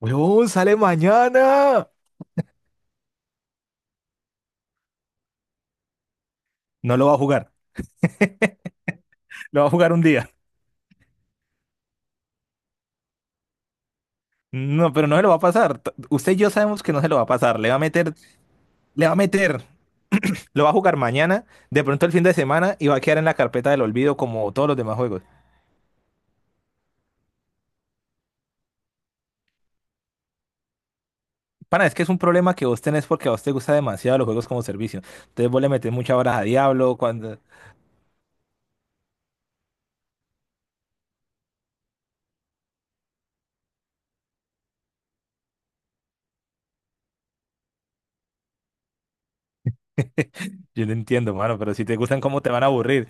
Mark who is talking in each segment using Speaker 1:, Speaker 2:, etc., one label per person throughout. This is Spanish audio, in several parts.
Speaker 1: Weón, sale mañana. No lo va a jugar. Lo va a jugar un día. No, pero no se lo va a pasar. Usted y yo sabemos que no se lo va a pasar. Le va a meter, le va a meter. Lo va a jugar mañana, de pronto el fin de semana y va a quedar en la carpeta del olvido como todos los demás juegos. Pana, es que es un problema que vos tenés porque a vos te gusta demasiado los juegos como servicio. Entonces vos le metés muchas horas a Diablo cuando... Yo lo entiendo, mano, pero si te gustan, ¿cómo te van a aburrir?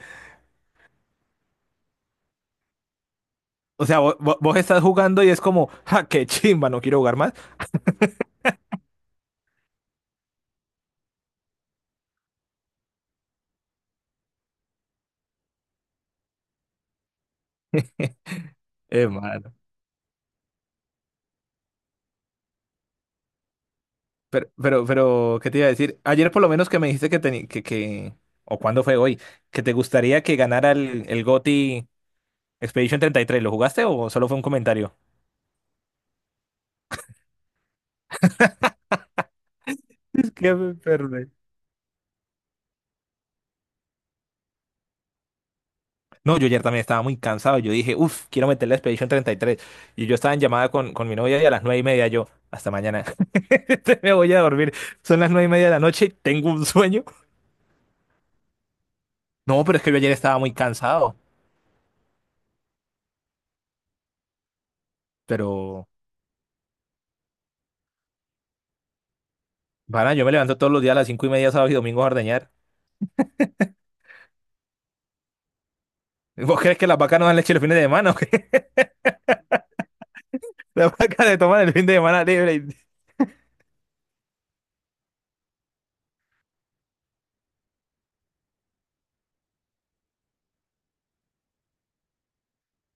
Speaker 1: O sea, vos estás jugando y es como, ja, qué chimba, no quiero jugar más. Mano. Pero, ¿qué te iba a decir? Ayer por lo menos que me dijiste que, o cuándo fue hoy, que te gustaría que ganara el GOTY Expedition 33. ¿Lo jugaste o solo fue un comentario? Es que me enfermé. No, yo ayer también estaba muy cansado. Yo dije, uff, quiero meter la Expedition 33. Y tres. Y yo estaba en llamada con mi novia y a las 9:30 yo, hasta mañana. Me voy a dormir. Son las 9:30 de la noche, tengo un sueño. No, pero es que yo ayer estaba muy cansado. Pero, para, yo me levanto todos los días a las 5:30, sábado y domingo a ordeñar. ¿Vos crees que las vacas no dan leche los fines de semana o qué? Las vacas se toman el fin de semana libre.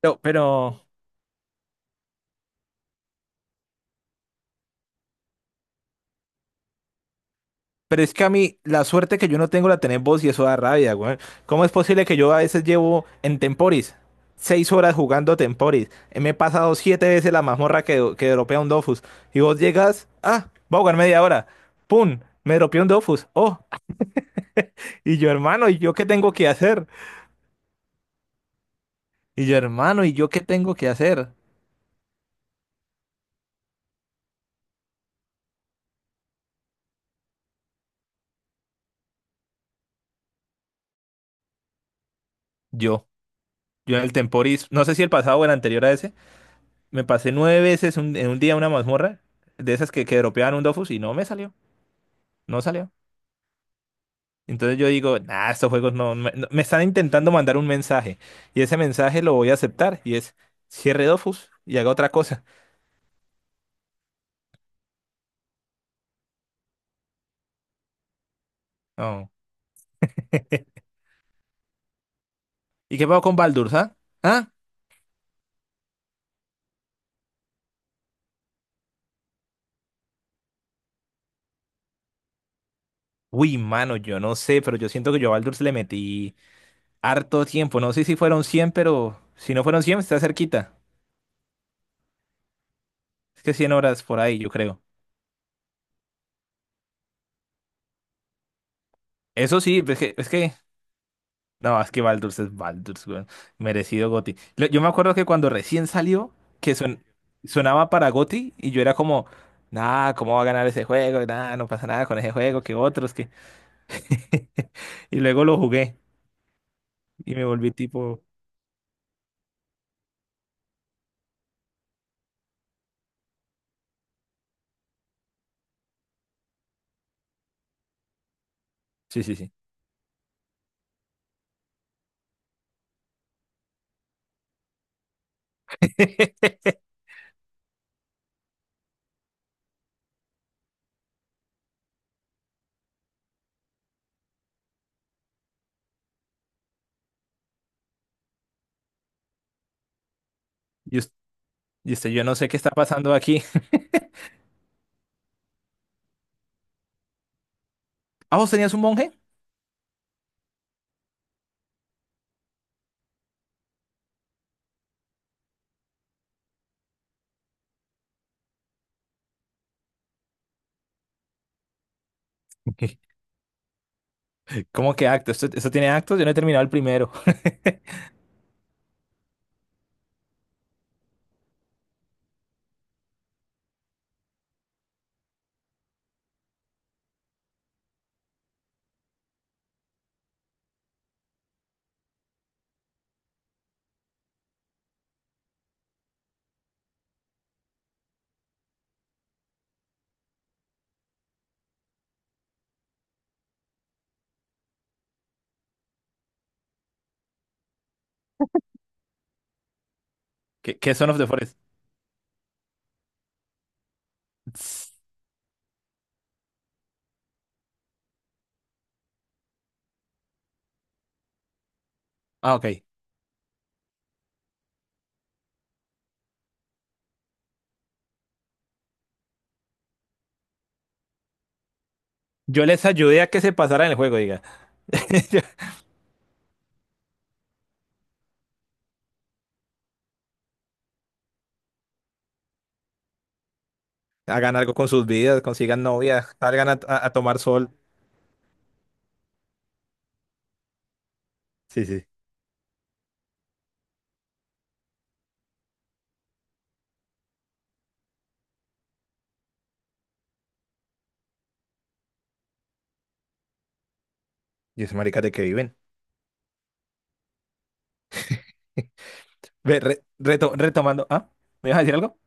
Speaker 1: No, pero es que a mí la suerte que yo no tengo la tenés vos y eso da rabia, güey. ¿Cómo es posible que yo a veces llevo en Temporis 6 horas jugando Temporis? Me he pasado siete veces la mazmorra que dropea un Dofus. Y vos llegas, ah, voy a jugar media hora. ¡Pum! Me dropeó un Dofus. ¡Oh! Y yo, hermano, ¿y yo qué tengo que hacer? Y yo, hermano, ¿y yo qué tengo que hacer? Yo. Yo en el Temporis, no sé si el pasado o el anterior a ese. Me pasé nueve veces en un día una mazmorra de esas que dropeaban un Dofus y no me salió, no salió. Entonces yo digo, nah, estos juegos no, me están intentando mandar un mensaje y ese mensaje lo voy a aceptar y es cierre Dofus y haga otra cosa. No. ¿Y qué pasó con Baldur's, ah? ¿Ah? Uy, mano, yo no sé, pero yo siento que yo a Baldur's le metí harto tiempo. No sé si fueron 100 pero si no fueron 100 está cerquita. Es que 100 horas por ahí, yo creo. Eso sí, es que No, es que Baldur's es Baldur's, weón. Merecido GOTY. Yo me acuerdo que cuando recién salió, que sonaba para GOTY y yo era como, nah, ¿cómo va a ganar ese juego? Nah, no pasa nada con ese juego, que otros, que... Y luego lo jugué y me volví tipo, sí, sí, sí. Y, us- y usted, yo no sé qué está pasando aquí. ¿Ah, vos tenías un monje? ¿Cómo que acto? ¿Esto tiene actos? Yo no he terminado el primero. ¿Qué es Son of the Forest? Tss. Ah, ok. Yo les ayudé a que se pasaran el juego, diga. Hagan algo con sus vidas, consigan novia, salgan a tomar sol. Sí, sí. Y esos maricas de que viven. Ve, retomando, ¿ah? ¿Me ibas a decir algo?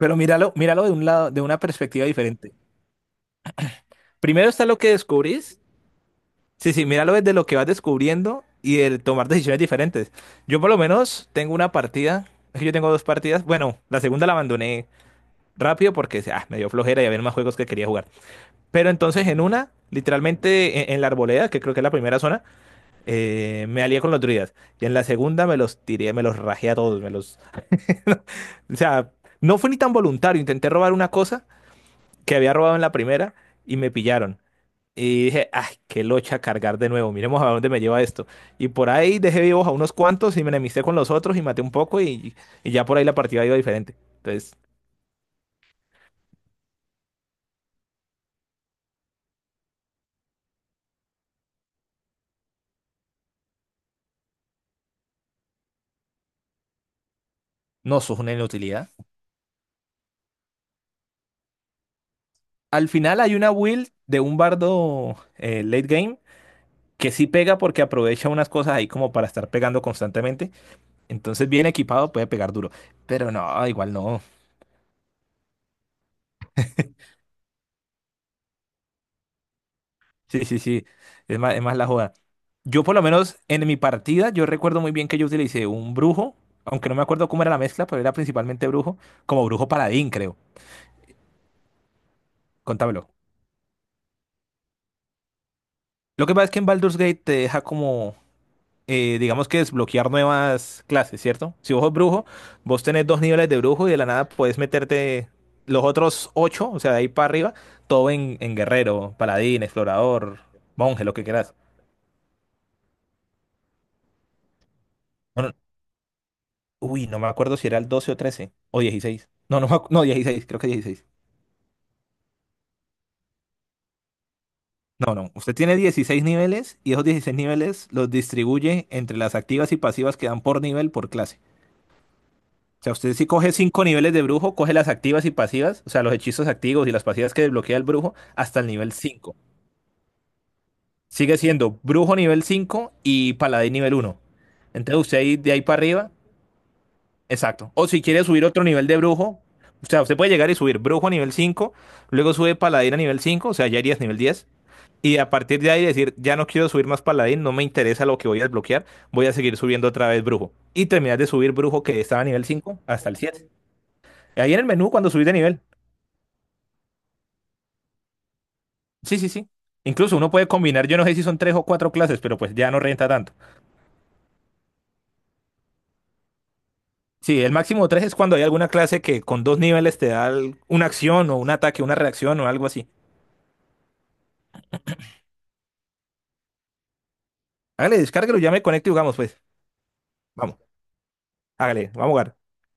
Speaker 1: Pero míralo, míralo de un lado, de una perspectiva diferente. Primero está lo que descubrís. Sí, sí, míralo desde lo que vas descubriendo y el tomar decisiones diferentes. Yo por lo menos tengo una partida, es que yo tengo dos partidas. Bueno, la segunda la abandoné rápido porque me dio flojera y había más juegos que quería jugar. Pero entonces en una, literalmente en la arboleda, que creo que es la primera zona, me alié con los druidas. Y en la segunda me los tiré, me los rajé a todos, me los... o sea, no fue ni tan voluntario. Intenté robar una cosa que había robado en la primera y me pillaron. Y dije, ay, qué locha cargar de nuevo, miremos a dónde me lleva esto. Y por ahí dejé vivos a unos cuantos y me enemisté con los otros y maté un poco y ya por ahí la partida iba diferente. Entonces, no, sos una inutilidad. Al final hay una build de un bardo late game que sí pega porque aprovecha unas cosas ahí como para estar pegando constantemente. Entonces, bien equipado puede pegar duro. Pero no, igual no. Sí, sí, sí. Es más la joda. Yo, por lo menos, en mi partida, yo recuerdo muy bien que yo utilicé un brujo, aunque no me acuerdo cómo era la mezcla, pero era principalmente brujo, como brujo paladín, creo. Contámelo. Lo que pasa es que en Baldur's Gate te deja como, digamos que desbloquear nuevas clases, ¿cierto? Si vos sos brujo, vos tenés dos niveles de brujo y de la nada puedes meterte los otros ocho, o sea, de ahí para arriba, todo en guerrero, paladín, explorador, monje, lo que quieras. Bueno, uy, no me acuerdo si era el 12 o 13 o 16. No, no, no, 16, creo que 16. No, no, usted tiene 16 niveles y esos 16 niveles los distribuye entre las activas y pasivas que dan por nivel por clase. O sea, usted si coge 5 niveles de brujo, coge las activas y pasivas, o sea, los hechizos activos y las pasivas que desbloquea el brujo hasta el nivel 5. Sigue siendo brujo nivel 5 y paladín nivel uno. Entonces usted ahí, de ahí para arriba. Exacto. O si quiere subir otro nivel de brujo, o sea, usted puede llegar y subir brujo a nivel 5, luego sube paladín a nivel 5, o sea, ya irías nivel 10 y a partir de ahí decir, ya no quiero subir más paladín, no me interesa lo que voy a desbloquear, voy a seguir subiendo otra vez brujo. Y terminar de subir brujo que estaba a nivel 5 hasta el 7. Ahí en el menú cuando subís de nivel. Sí, sí, sí. Incluso uno puede combinar, yo no sé si son tres o cuatro clases, pero pues ya no renta tanto. Sí, el máximo tres es cuando hay alguna clase que con dos niveles te da una acción o un ataque, una reacción o algo así. Hágale, descárguelo, ya me conecto y jugamos pues. Vamos, hágale, vamos a jugar.